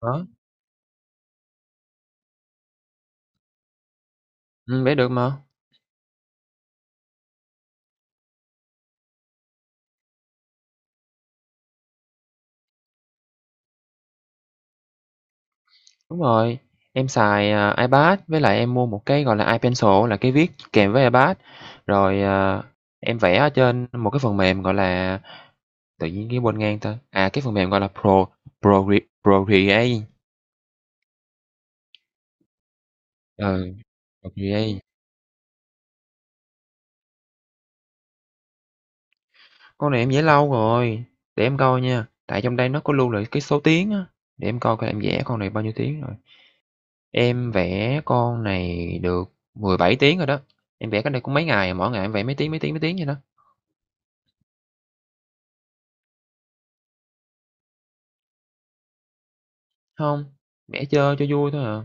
Đó, vẽ được mà. Đúng rồi, em xài, iPad với lại em mua một cái, gọi là, iPencil là cái viết kèm với iPad, rồi, em vẽ ở trên một cái phần mềm, gọi là, tự nhiên cái quên ngang tên, cái phần mềm gọi là Pro pro Procreate. Ừ, Procreate, con này em vẽ lâu rồi, để em coi nha, tại trong đây nó có lưu lại cái số tiếng á, để em coi coi em vẽ con này bao nhiêu tiếng rồi. Em vẽ con này được 17 tiếng rồi đó, em vẽ cái này cũng mấy ngày, mỗi ngày em vẽ mấy tiếng, mấy tiếng, mấy tiếng vậy đó. Không, vẽ chơi cho vui thôi à.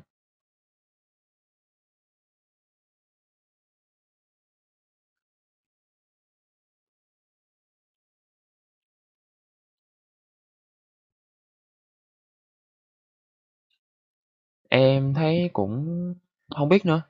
Em thấy cũng không biết nữa,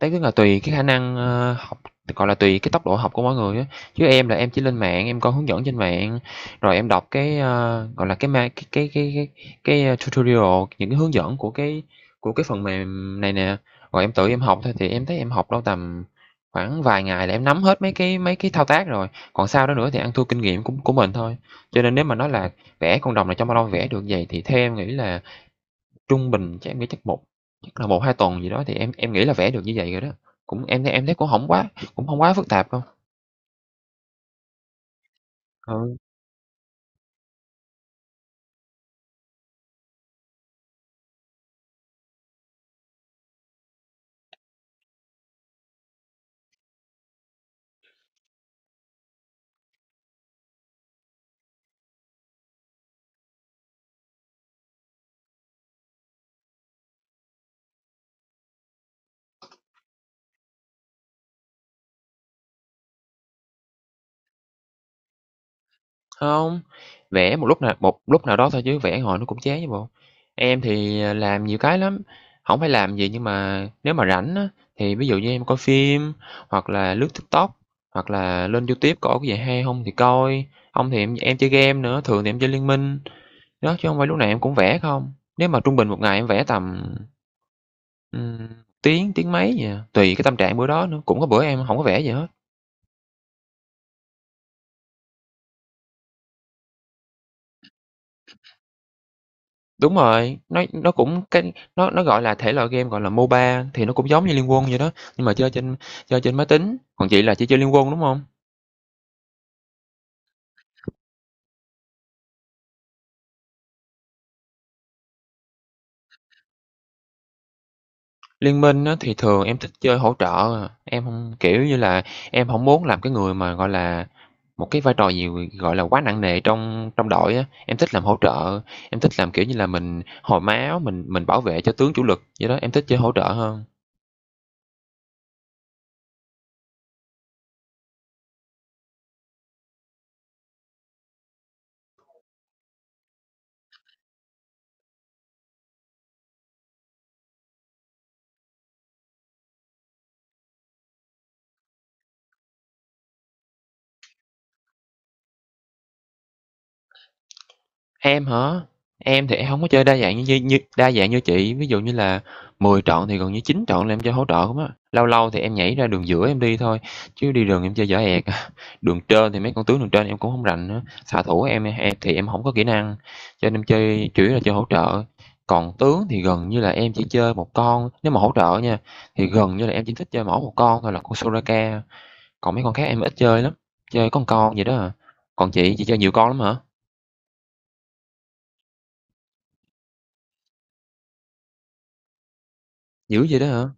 đấy cũng là tùy cái khả năng, học gọi là, tùy cái tốc độ học của mỗi người á. Chứ em là em chỉ lên mạng, em coi hướng dẫn trên mạng, rồi em đọc cái, gọi là, cái ma cái, tutorial, những cái hướng dẫn của cái phần mềm này nè, rồi em tự em học thôi. Thì em thấy em học đâu tầm khoảng vài ngày là em nắm hết mấy cái thao tác rồi, còn sau đó nữa thì ăn thua kinh nghiệm của mình thôi. Cho nên nếu mà nói là vẽ con rồng này trong bao lâu vẽ được vậy thì theo em nghĩ là trung bình chắc em nghĩ chắc là một hai tuần gì đó thì em nghĩ là vẽ được như vậy rồi đó. Cũng em thấy cũng không quá phức tạp đâu. Ừ, hông, vẽ một lúc nào đó thôi chứ vẽ hồi nó cũng chán chứ bộ. Em thì, làm nhiều cái lắm, không phải làm gì nhưng mà nếu mà rảnh á, thì ví dụ như em coi phim hoặc là lướt TikTok, hoặc là lên YouTube có cái gì hay không thì coi, không thì em chơi game nữa, thường thì em chơi Liên Minh. Đó, chứ không phải lúc nào em cũng vẽ không. Nếu mà trung bình một ngày em vẽ tầm, Ừm, tiếng, tiếng mấy vậy à, tùy cái tâm trạng bữa đó nữa, cũng có bữa em hổng có vẽ gì hết. Đúng rồi, nó cũng cái nó, gọi là, thể loại game, gọi là, MOBA thì nó cũng giống như Liên Quân vậy đó, nhưng mà chơi trên máy tính, còn chị là chỉ chơi Liên Quân, đúng hông? Liên Minh á thì thường em thích chơi hỗ trợ, em hông kiểu như là, em hổng muốn làm cái người mà, gọi là, một cái vai trò gì, gọi là, quá nặng nề trong trong đội á, em thích làm hỗ trợ, em thích làm, kiểu như là, mình hồi máu, mình bảo vệ cho tướng chủ lực vậy đó, em thích chơi hỗ trợ hơn. Em hả? Em thì em hổng có chơi đa dạng như như đa dạng như chị, ví dụ như là 10 trọn thì gần như 9 trọn là em chơi hỗ trợ không á. Lâu lâu thì em nhảy ra đường giữa em đi thôi, chứ đi đường em chơi dở ẹc. Đường trên thì mấy con tướng đường trên em cũng không rành nữa, xạ thủ em thì em không có kỹ năng, cho nên em chơi chủ yếu là chơi hỗ trợ. Còn tướng thì gần như là em chỉ chơi một con, nếu mà hỗ trợ nha, thì gần như là em chỉ thích chơi mỗi một con thôi là con Soraka, còn mấy con khác em ít chơi lắm, chơi có một con vậy đó à. Còn chị chơi nhiều con lắm hả? Dữ vậy đó hả?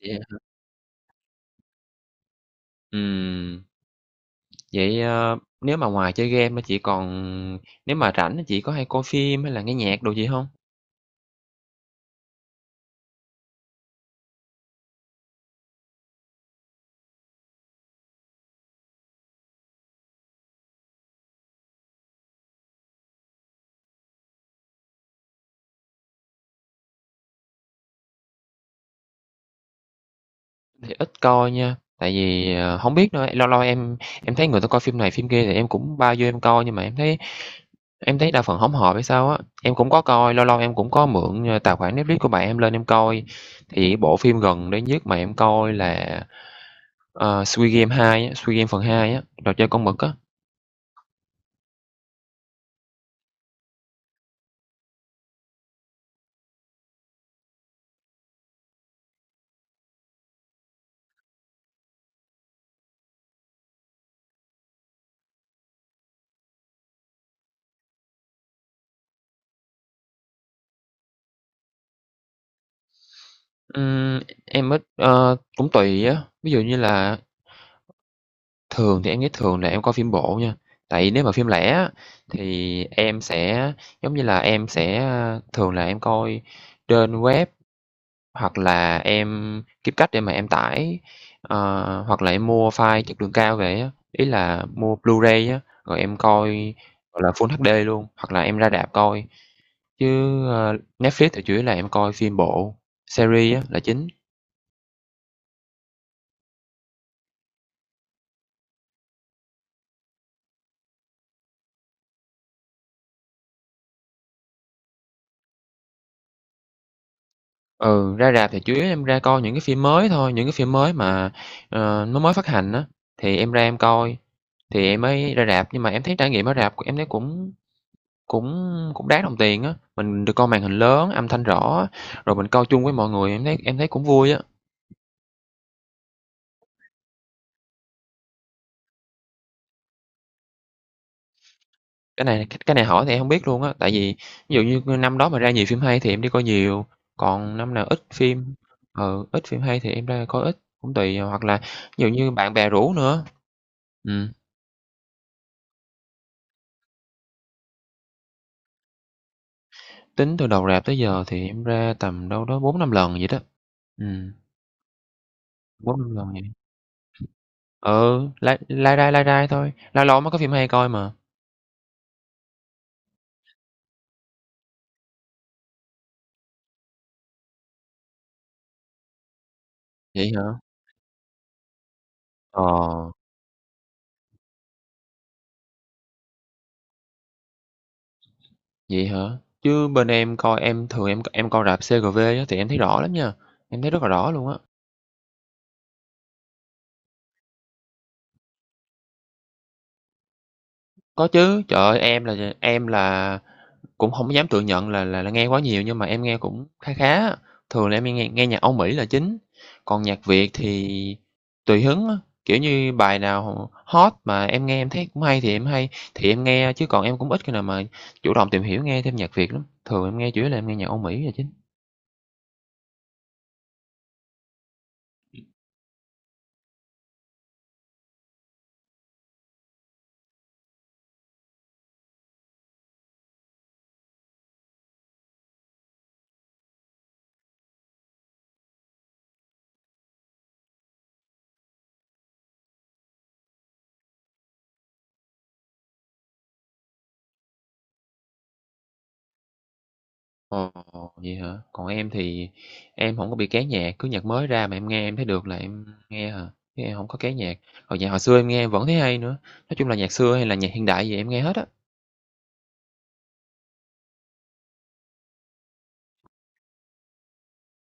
Dạ. Ừm, vậy, nếu mà ngoài chơi game á, chị còn nếu mà rảnh á, chị có hay coi phim hay là nghe nhạc đồ gì không? Thì ít coi nha, tại vì, hổng biết nữa, lâu lâu em thấy người ta coi phim này phim kia thì em cũng bao vô em coi, nhưng mà em thấy đa phần hổng hợp hay sao á. Em cũng có coi, lâu lâu em cũng có mượn, tài khoản Netflix của bạn em lên em coi, thì bộ phim gần đây nhất mà em coi là, Squid Game 2 á, Squid Game phần 2 á, trò chơi con mực á. Ừm, em ít, cũng tùy á, ví dụ như là thường thì em nghĩ thường là em coi phim bộ nha, tại nếu mà phim lẻ á, thì em sẽ giống như là, em sẽ, thường là em coi trên web hoặc là em kiếm cách để mà em tải, hoặc là em mua file chất lượng cao về á, ý là mua Blu-ray á, rồi em coi, gọi là, Full HD luôn, hoặc là em ra rạp coi. Chứ, Netflix thì chủ yếu là em coi phim bộ, series á là chính. Ừ, ra rạp thì chủ yếu em ra coi những cái phim mới thôi, những cái phim mới mà, nó mới phát hành á, thì em ra em coi, thì em mới ra rạp. Nhưng mà em thấy trải nghiệm ở rạp em thấy cũng cũng cũng đáng đồng tiền á, mình được coi màn hình lớn, âm thanh rõ, rồi mình coi chung với mọi người, em thấy cũng vui á. Cái này hỏi thì em hông biết luôn á, tại vì ví dụ như năm đó mà ra nhiều phim hay thì em đi coi nhiều, còn năm nào ít phim, ít phim hay thì em ra coi ít, cũng tùy, hoặc là ví dụ như bạn bè rủ nữa. Ừm. Tính từ đầu rạp tới giờ thì em ra tầm đâu đó 4-5 lần vậy đó. Ừm, 4-5 lần vậy. Ừ, lai lai rai thôi, lâu lâu mới có phim hay coi mà. Vậy hả? Ờ, vậy hả? Chứ bên em coi em thường em coi rạp CGV á thì em thấy rõ lắm nha, em thấy rất là rõ luôn á. Có chứ, trời ơi, em là cũng hổng dám tự nhận là nghe quá nhiều nhưng mà em nghe cũng khá khá á, thường là em nghe nghe nhạc Âu Mỹ là chính, còn nhạc Việt thì tùy hứng á, kiểu như, bài nào hot mà em nghe em thấy cũng hay thì em nghe, chứ còn em cũng ít khi nào mà chủ động tìm hiểu nghe thêm nhạc Việt lắm, thường em nghe chủ yếu là em nghe nhạc Âu Mỹ là chính. Ồ, vậy hả? Còn em thì em hổng có bị kén nhạc, cứ nhạc mới ra mà em nghe em thấy được là em nghe à, chứ em hổng có kén nhạc. Còn nhạc hồi xưa em nghe em vẫn thấy hay nữa, nói chung là nhạc xưa hay là nhạc hiện đại gì em nghe hết á.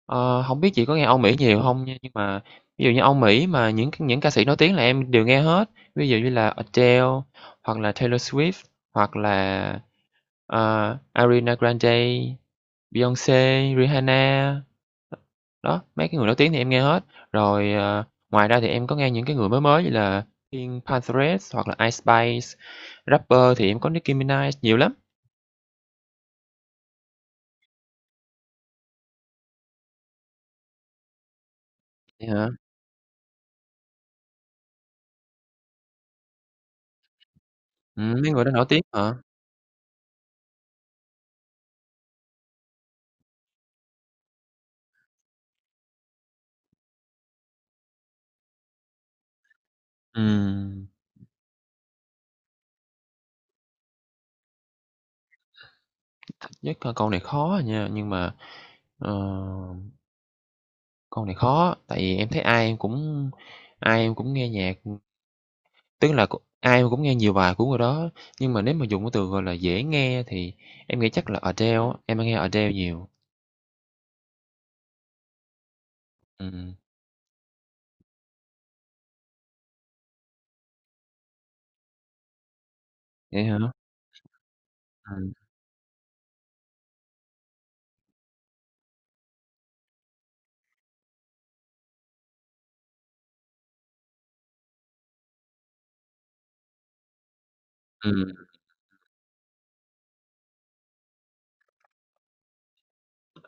Ờ, hổng biết chị có nghe Âu Mỹ nhiều không nha, nhưng mà ví dụ như Âu Mỹ mà những ca sĩ nổi tiếng là em đều nghe hết, ví dụ như là Adele hoặc là Taylor Swift, hoặc là, ờ, Ariana Grande, Beyoncé, Rihanna. Đó, mấy cái người nổi tiếng thì em nghe hết. Rồi, ngoài ra thì em có nghe những cái người mới mới như là Pink Pantheress hoặc là Ice Spice, rapper thì em có Nicki Minaj, nhiều lắm. Vậy hả? Mấy người đó nổi tiếng hả? Ừm, nhất là câu này khó à nha, nhưng mà Ờ, câu này khó, tại vì em thấy ai em cũng nghe nhạc, tức là cũng ai em cũng nghe nhiều bài của người đó, nhưng mà nếu mà dùng cái từ, gọi là, dễ nghe thì em nghĩ chắc là Adele á, em hay nghe Adele nhiều. Ừm, vậy hả? Ừm, ừm,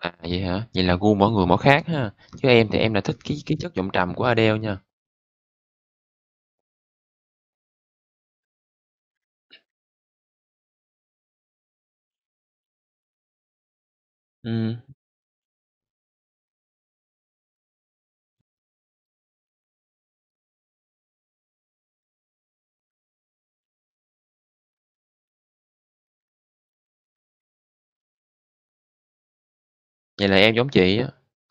vậy hả? Vậy là gu mỗi người mỗi khác ha, chứ em thì em là thích cái chất giọng trầm của Adele nha. Ừm, vậy là em giống chị á,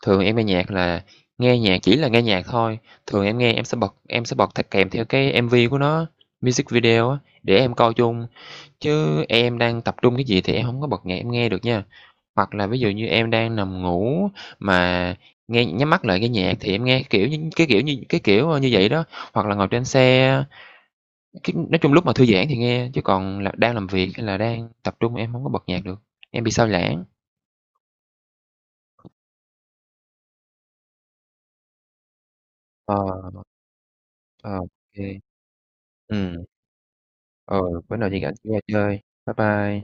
thường em nghe nhạc là nghe nhạc chỉ là nghe nhạc thôi, thường em nghe em sẽ bật kèm theo cái MV của nó, music video á, để em coi chung. Chứ em đang tập trung cái gì thì em không có bật nhạc em nghe được nha. Hoặc là ví dụ như em đang nằm ngủ mà nghe nhắm mắt lại cái nhạc thì em nghe, kiểu như, cái kiểu, như vậy đó. Hoặc là ngồi trên xe, cái nói chung lúc mà thư giãn thì nghe, chứ còn là đang làm việc hay là đang tập trung em không có bật nhạc được, em bị sao lãng. Ờ, ờ, ok. Ừ. Ờ, ừ, bữa nào hẹn chị ra chơi. Bye bye.